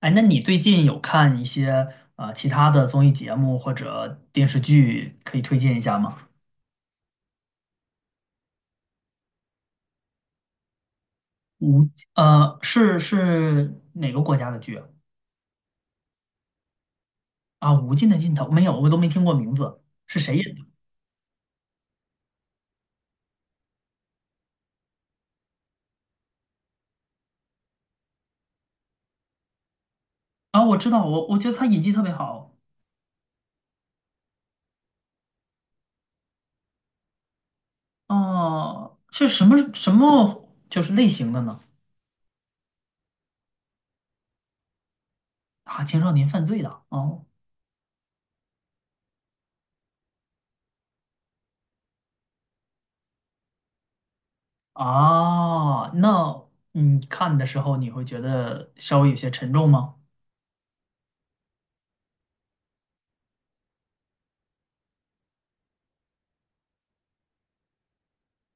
哎，那你最近有看一些其他的综艺节目或者电视剧，可以推荐一下吗？无，是哪个国家的剧啊？啊无尽的尽头》没有，我都没听过名字，是谁演的？啊，我知道，我觉得他演技特别好。哦、是什么就是类型的呢？啊，青少年犯罪的。哦，啊，那你看的时候你会觉得稍微有些沉重吗？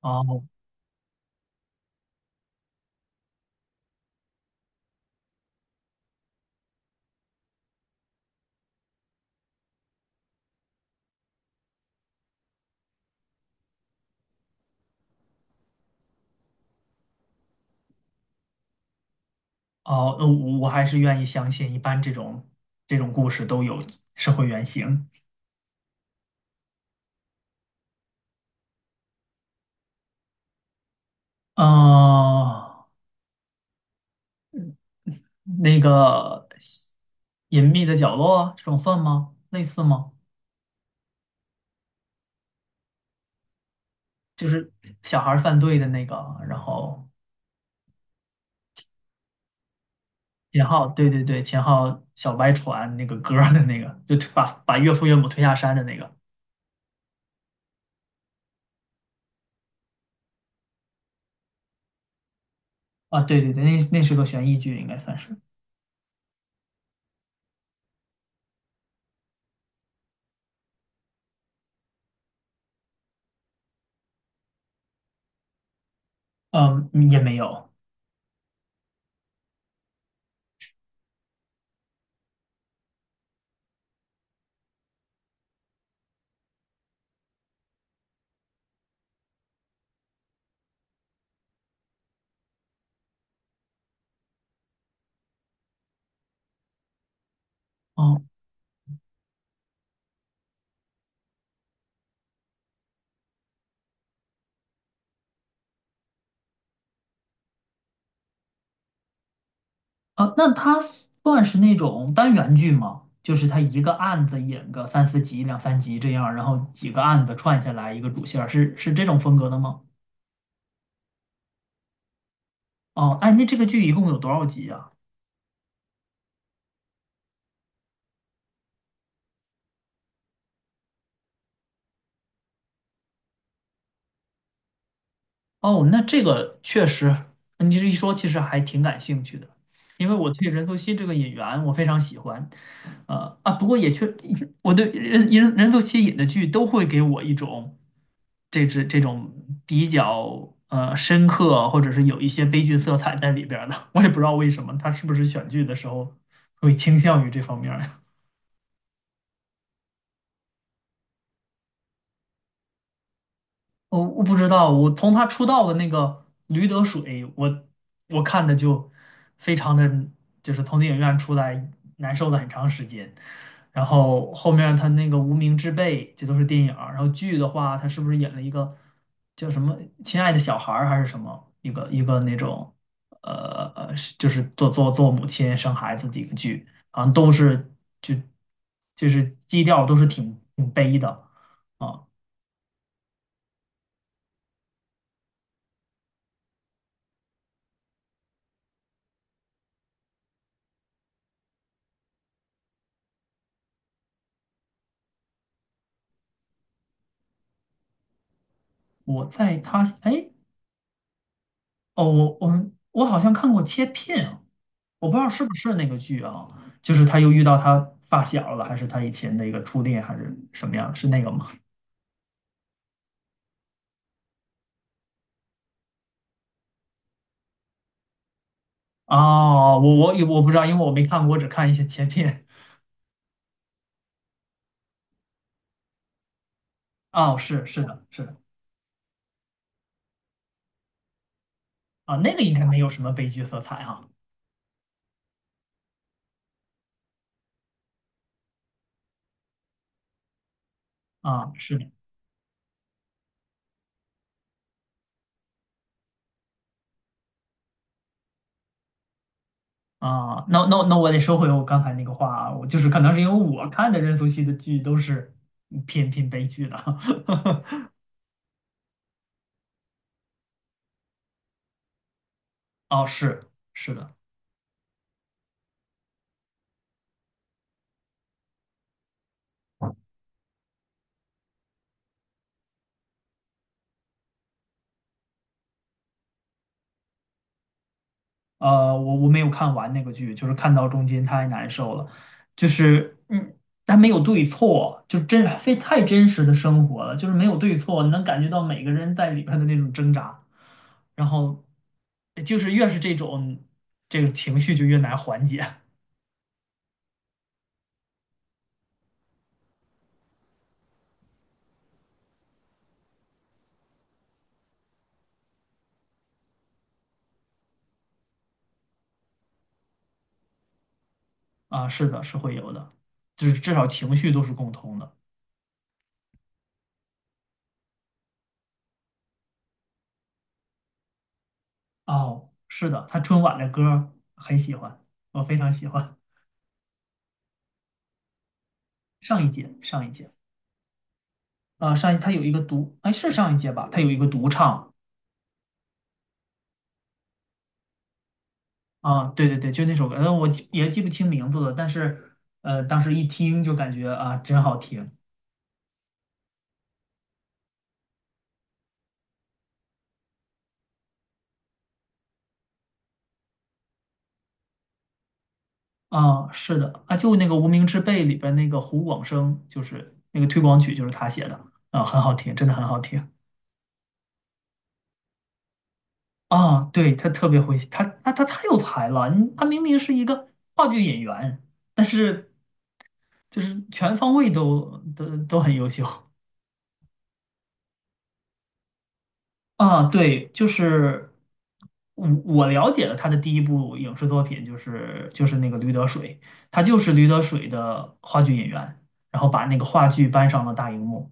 哦，哦，我我还是愿意相信，一般这种故事都有社会原型。嗯，那个隐秘的角落这种算吗？类似吗？就是小孩儿犯罪的那个，然后秦昊，对对对，秦昊小白船那个歌儿的那个，就推把岳父岳母推下山的那个啊，对对对，那那是个悬疑剧，应该算是，嗯，也没有。哦啊，那它算是那种单元剧吗？就是它一个案子演个三四集、两三集这样，然后几个案子串下来一个主线儿是这种风格的吗？哦，哎，那这个剧一共有多少集呀？哦，那这个确实，你这一说，其实还挺感兴趣的，因为我对任素汐这个演员我非常喜欢，呃啊，不过也确，我对任素汐演的剧都会给我一种这种比较深刻，或者是有一些悲剧色彩在里边儿的，我也不知道为什么，他是不是选剧的时候会倾向于这方面儿。我不知道，我从他出道的那个《驴得水》，我看的就非常的，就是从电影院出来难受了很长时间。然后后面他那个《无名之辈》，这都是电影儿然后剧的话，他是不是演了一个叫什么《亲爱的小孩》儿还是什么一个那种是就是做母亲生孩子的一个剧，好像都是就就是基调都是挺悲的啊。我在他哎。哦，我好像看过切片啊，我不知道是不是那个剧啊，就是他又遇到他发小了，还是他以前的一个初恋，还是什么样？是那个吗？哦，我不知道，因为我没看过，我只看一些切片。哦，是是的，是的啊，那个应该没有什么悲剧色彩哈。啊，是的啊，那那那我得收回我刚才那个话啊，我就是可能是因为我看的任素汐的剧都是偏悲剧的。哦，是是的。我我没有看完那个剧，就是看到中间太难受了，就是它没有对错，就真非太真实的生活了，就是没有对错，你能感觉到每个人在里边的那种挣扎，然后就是越是这种这个情绪就越难缓解啊，是的，是会有的，就是至少情绪都是共通的哦，是的，他春晚的歌儿很喜欢，我非常喜欢上一届上一届。啊，上一他有一个独，哎，是上一届吧？他有一个独唱，啊，对对对，就那首歌，我记也记不清名字了，但是当时一听就感觉啊，真好听啊，是的啊，就那个《无名之辈》里边那个胡广生，就是那个推广曲，就是他写的啊，很好听，真的很好听啊，对，他特别会，他太有才了，你他明明是一个话剧演员，但是就是全方位都很优秀啊，对，就是我了解了他的第一部影视作品，就是那个驴得水，他就是驴得水的话剧演员，然后把那个话剧搬上了大荧幕。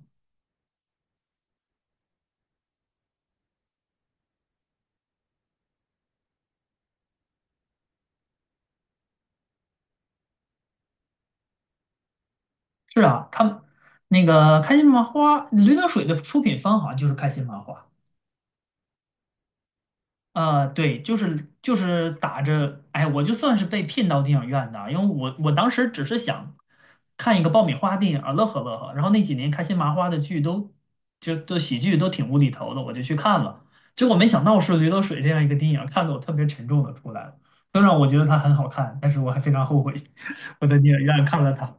是啊，他那个开心麻花，驴得水的出品方好像就是开心麻花。对，就是打着，哎，我就算是被骗到电影院的，因为我当时只是想看一个爆米花电影儿乐呵乐呵，然后那几年开心麻花的剧都都喜剧都挺无厘头的，我就去看了，结果没想到是《驴得水》这样一个电影儿看得我特别沉重的出来了。虽然我觉得它很好看，但是我还非常后悔 我在电影院看了它。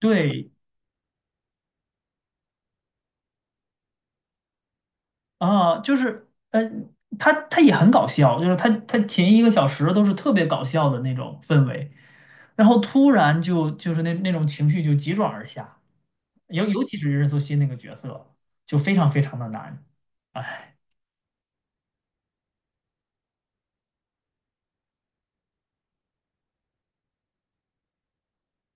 对啊，它它也很搞笑，就是它它前一个小时都是特别搞笑的那种氛围。然后突然就是那那种情绪就急转而下，尤其是任素汐那个角色就非常非常的难。哎，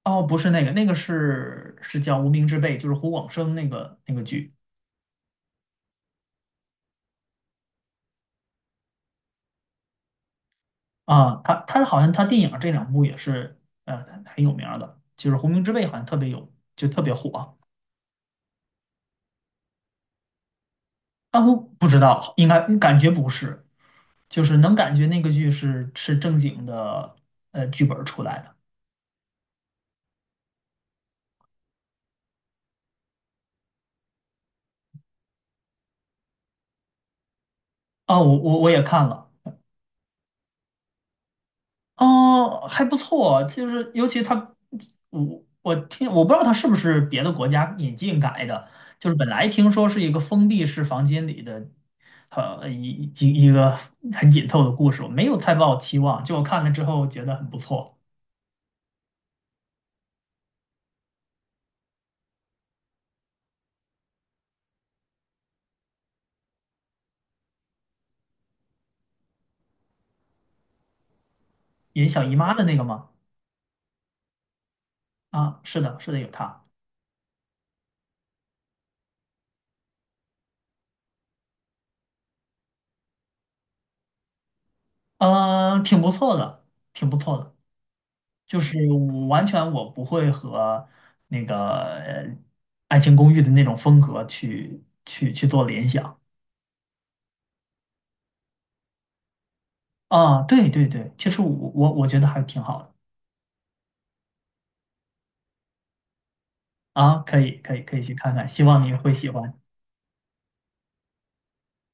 哦，不是那个，那个是叫《无名之辈》，就是胡广生那个剧啊。他他好像他电影这两部也是很有名儿的，就是《无名之辈》好像特别有就特别火。啊，我不知道，应该感觉不是，就是能感觉那个剧是正经的剧本儿出来的。啊。我也看了。哦，还不错，就是尤其他，我我不知道他是不是别的国家引进改的，就是本来听说是一个封闭式房间里的，呃，一个很紧凑的故事，我没有太抱期望，就我看了之后觉得很不错。演小姨妈的那个吗？啊，是的，是的，有他，嗯、挺不错的，挺不错的，就是我完全我不会和那个呃爱情公寓》的那种风格去做联想。啊，对对对，其实我我觉得还挺好的啊，可以可以去看看，希望你会喜欢。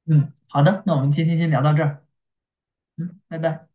嗯，好的，那我们今天先聊到这儿，嗯，拜拜。